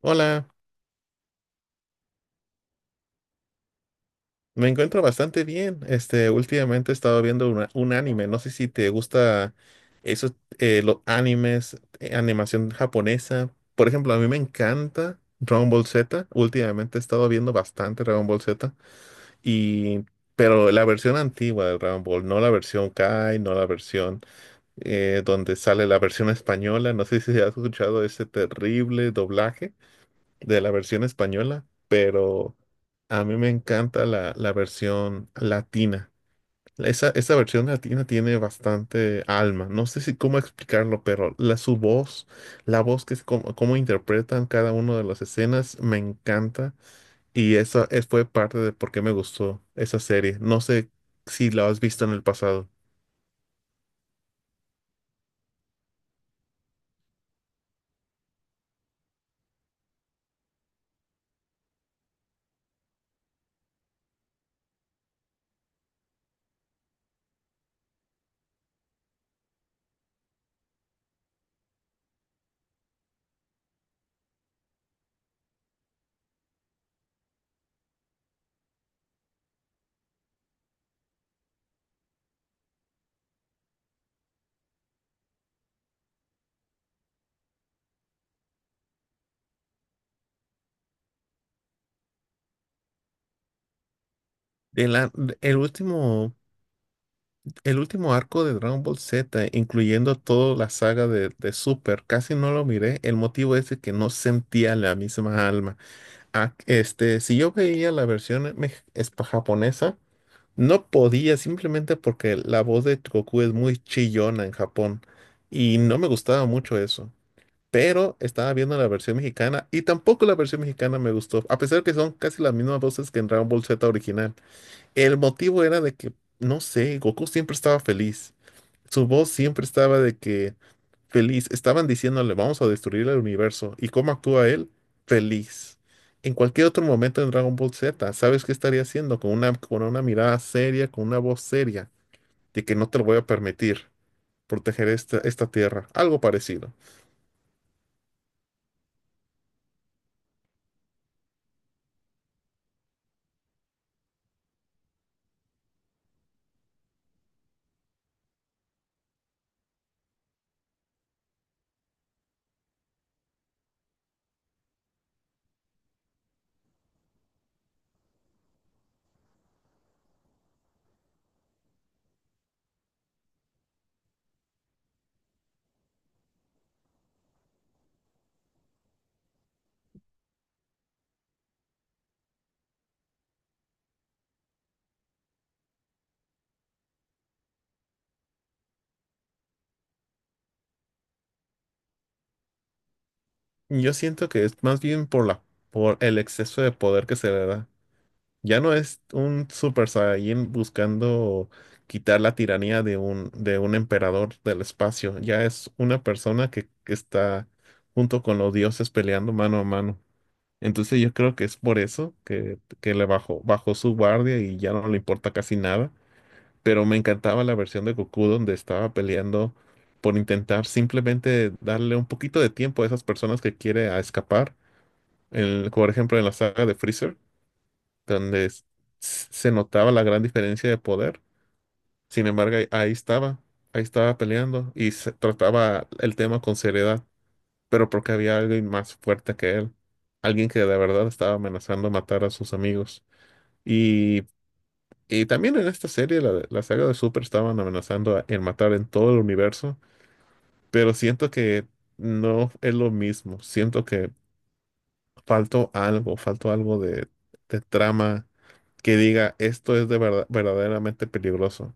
Hola, me encuentro bastante bien. Últimamente he estado viendo un anime. No sé si te gusta esos los animes, animación japonesa. Por ejemplo, a mí me encanta Dragon Ball Z. Últimamente he estado viendo bastante Dragon Ball Z y pero la versión antigua de Dragon Ball, no la versión Kai, no la versión donde sale la versión española. No sé si has escuchado ese terrible doblaje de la versión española, pero a mí me encanta la versión latina. Esa versión latina tiene bastante alma. No sé si cómo explicarlo, pero su voz, la voz que es como, cómo interpretan cada una de las escenas, me encanta. Y fue parte de por qué me gustó esa serie. No sé si la has visto en el pasado. El, a- el último El último arco de Dragon Ball Z, incluyendo toda la saga de Super, casi no lo miré. El motivo es de que no sentía la misma alma. Ah, si yo veía la versión japonesa, no podía simplemente porque la voz de Goku es muy chillona en Japón y no me gustaba mucho eso. Pero estaba viendo la versión mexicana y tampoco la versión mexicana me gustó, a pesar que son casi las mismas voces que en Dragon Ball Z original. El motivo era de que, no sé, Goku siempre estaba feliz. Su voz siempre estaba de que feliz. Estaban diciéndole, vamos a destruir el universo. ¿Y cómo actúa él? Feliz. En cualquier otro momento en Dragon Ball Z, ¿sabes qué estaría haciendo? Con con una mirada seria, con una voz seria, de que no te lo voy a permitir proteger esta tierra. Algo parecido. Yo siento que es más bien por por el exceso de poder que se le da. Ya no es un Super Saiyan buscando quitar la tiranía de de un emperador del espacio. Ya es una persona que está junto con los dioses peleando mano a mano. Entonces yo creo que es por eso que le bajó su guardia y ya no le importa casi nada. Pero me encantaba la versión de Goku donde estaba peleando por intentar simplemente darle un poquito de tiempo a esas personas que quiere a escapar. Por ejemplo, en la saga de Freezer donde se notaba la gran diferencia de poder. Sin embargo, ahí estaba peleando y se trataba el tema con seriedad, pero porque había alguien más fuerte que él, alguien que de verdad estaba amenazando matar a sus amigos. Y, y también en esta serie, la saga de Super, estaban amenazando en matar en todo el universo, pero siento que no es lo mismo, siento que faltó algo de trama que diga esto es de verdad, verdaderamente peligroso.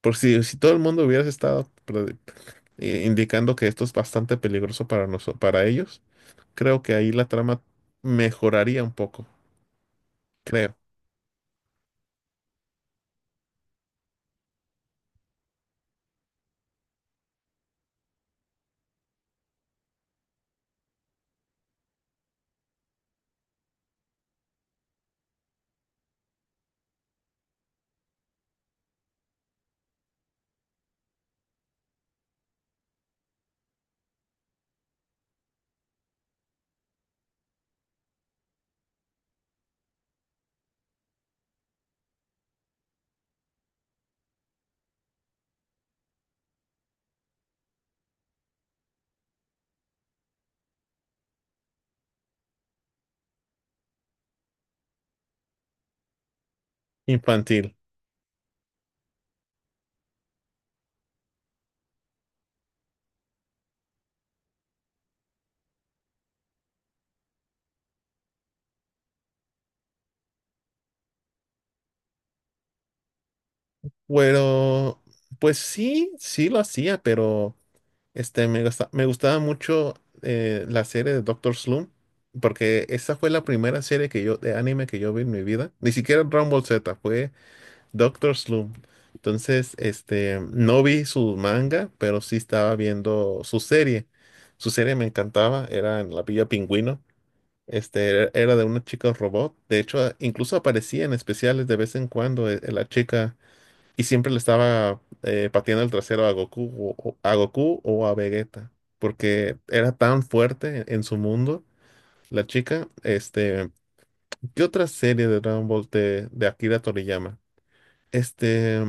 Por si todo el mundo hubiera estado indicando que esto es bastante peligroso para nosotros, para ellos, creo que ahí la trama mejoraría un poco, creo. Infantil. Bueno, pues sí, sí lo hacía, pero me gustaba mucho la serie de Doctor Slump, porque esa fue la primera serie que yo, de anime que yo vi en mi vida. Ni siquiera Dragon Ball Z, fue Doctor Slump. Entonces, no vi su manga, pero sí estaba viendo su serie. Su serie me encantaba, era en la Villa Pingüino. Era de una chica robot. De hecho, incluso aparecía en especiales de vez en cuando la chica y siempre le estaba pateando el trasero a Goku a Goku o a Vegeta, porque era tan fuerte en su mundo. La chica, ¿qué otra serie de Dragon Ball de Akira Toriyama? Este,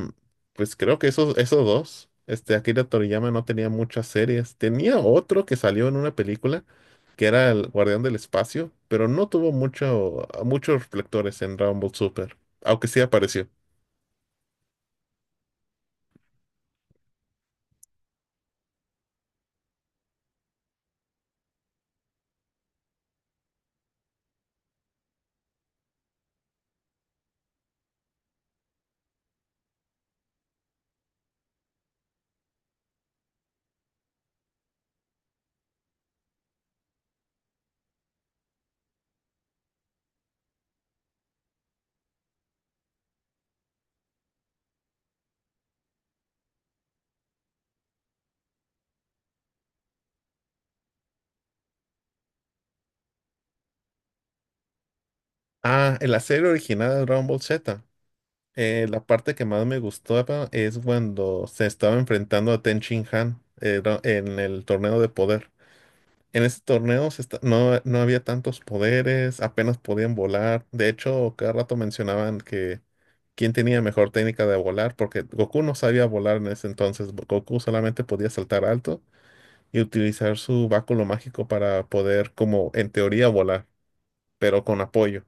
pues creo que esos dos. Akira Toriyama no tenía muchas series. Tenía otro que salió en una película, que era El Guardián del Espacio, pero no tuvo muchos reflectores en Dragon Ball Super, aunque sí apareció. Ah, en la serie original de Dragon Ball Z, la parte que más me gustaba es cuando se estaba enfrentando a Ten Shin Han en el torneo de poder. En ese torneo no, no había tantos poderes, apenas podían volar. De hecho, cada rato mencionaban que quién tenía mejor técnica de volar, porque Goku no sabía volar en ese entonces. Goku solamente podía saltar alto y utilizar su báculo mágico para poder, como en teoría, volar, pero con apoyo.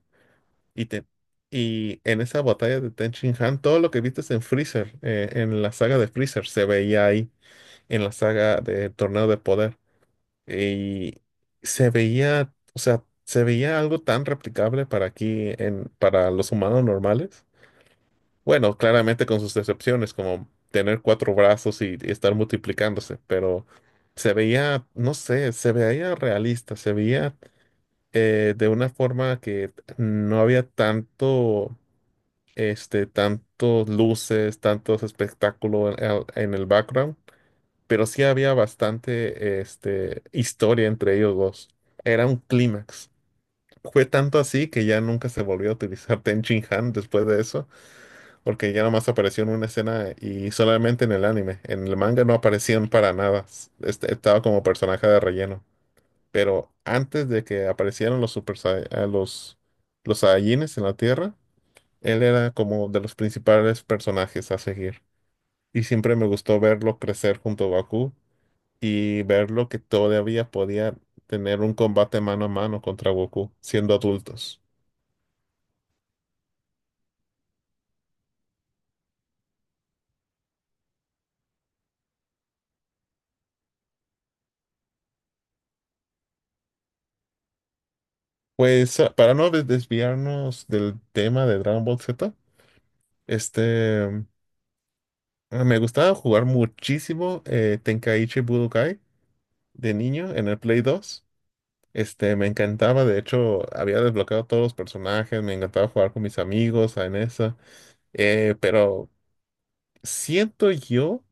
Y, te- y en esa batalla de Ten Shin Han, todo lo que viste en Freezer, en la saga de Freezer, se veía ahí en la saga del torneo de poder. Y se veía, o sea, se veía algo tan replicable para aquí, en, para los humanos normales. Bueno, claramente con sus excepciones, como tener cuatro brazos y estar multiplicándose, pero se veía, no sé, se veía realista, se veía de una forma que no había tanto, tantos luces, tantos espectáculos en el background, pero sí había bastante historia entre ellos dos. Era un clímax. Fue tanto así que ya nunca se volvió a utilizar Ten Shin Han después de eso, porque ya nomás apareció en una escena y solamente en el anime. En el manga no aparecían para nada. Estaba como personaje de relleno. Pero antes de que aparecieran los los Saiyajines en la Tierra, él era como de los principales personajes a seguir. Y siempre me gustó verlo crecer junto a Goku y verlo que todavía podía tener un combate mano a mano contra Goku siendo adultos. Pues ah, para no desviarnos del tema de Dragon Ball Z, este, mm, me gustaba jugar muchísimo Tenkaichi Budokai de niño en el Play 2. Me encantaba, de hecho, había desbloqueado todos los personajes, me encantaba jugar con mis amigos en esa, pero siento yo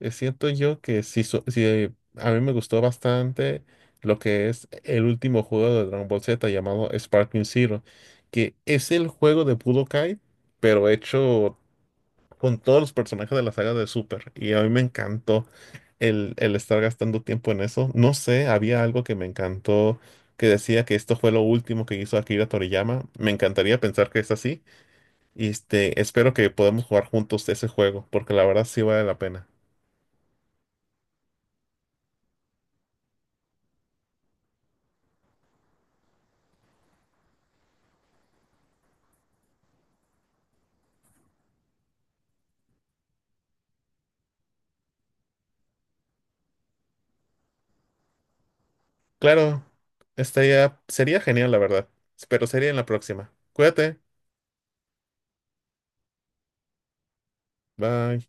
siento yo que sí, a mí me gustó bastante lo que es el último juego de Dragon Ball Z llamado Sparking Zero, que es el juego de Budokai, pero hecho con todos los personajes de la saga de Super. Y a mí me encantó el estar gastando tiempo en eso. No sé, había algo que me encantó que decía que esto fue lo último que hizo Akira Toriyama. Me encantaría pensar que es así. Y espero que podamos jugar juntos ese juego, porque la verdad sí vale la pena. Claro, sería genial, la verdad. Pero sería en la próxima. Cuídate. Bye.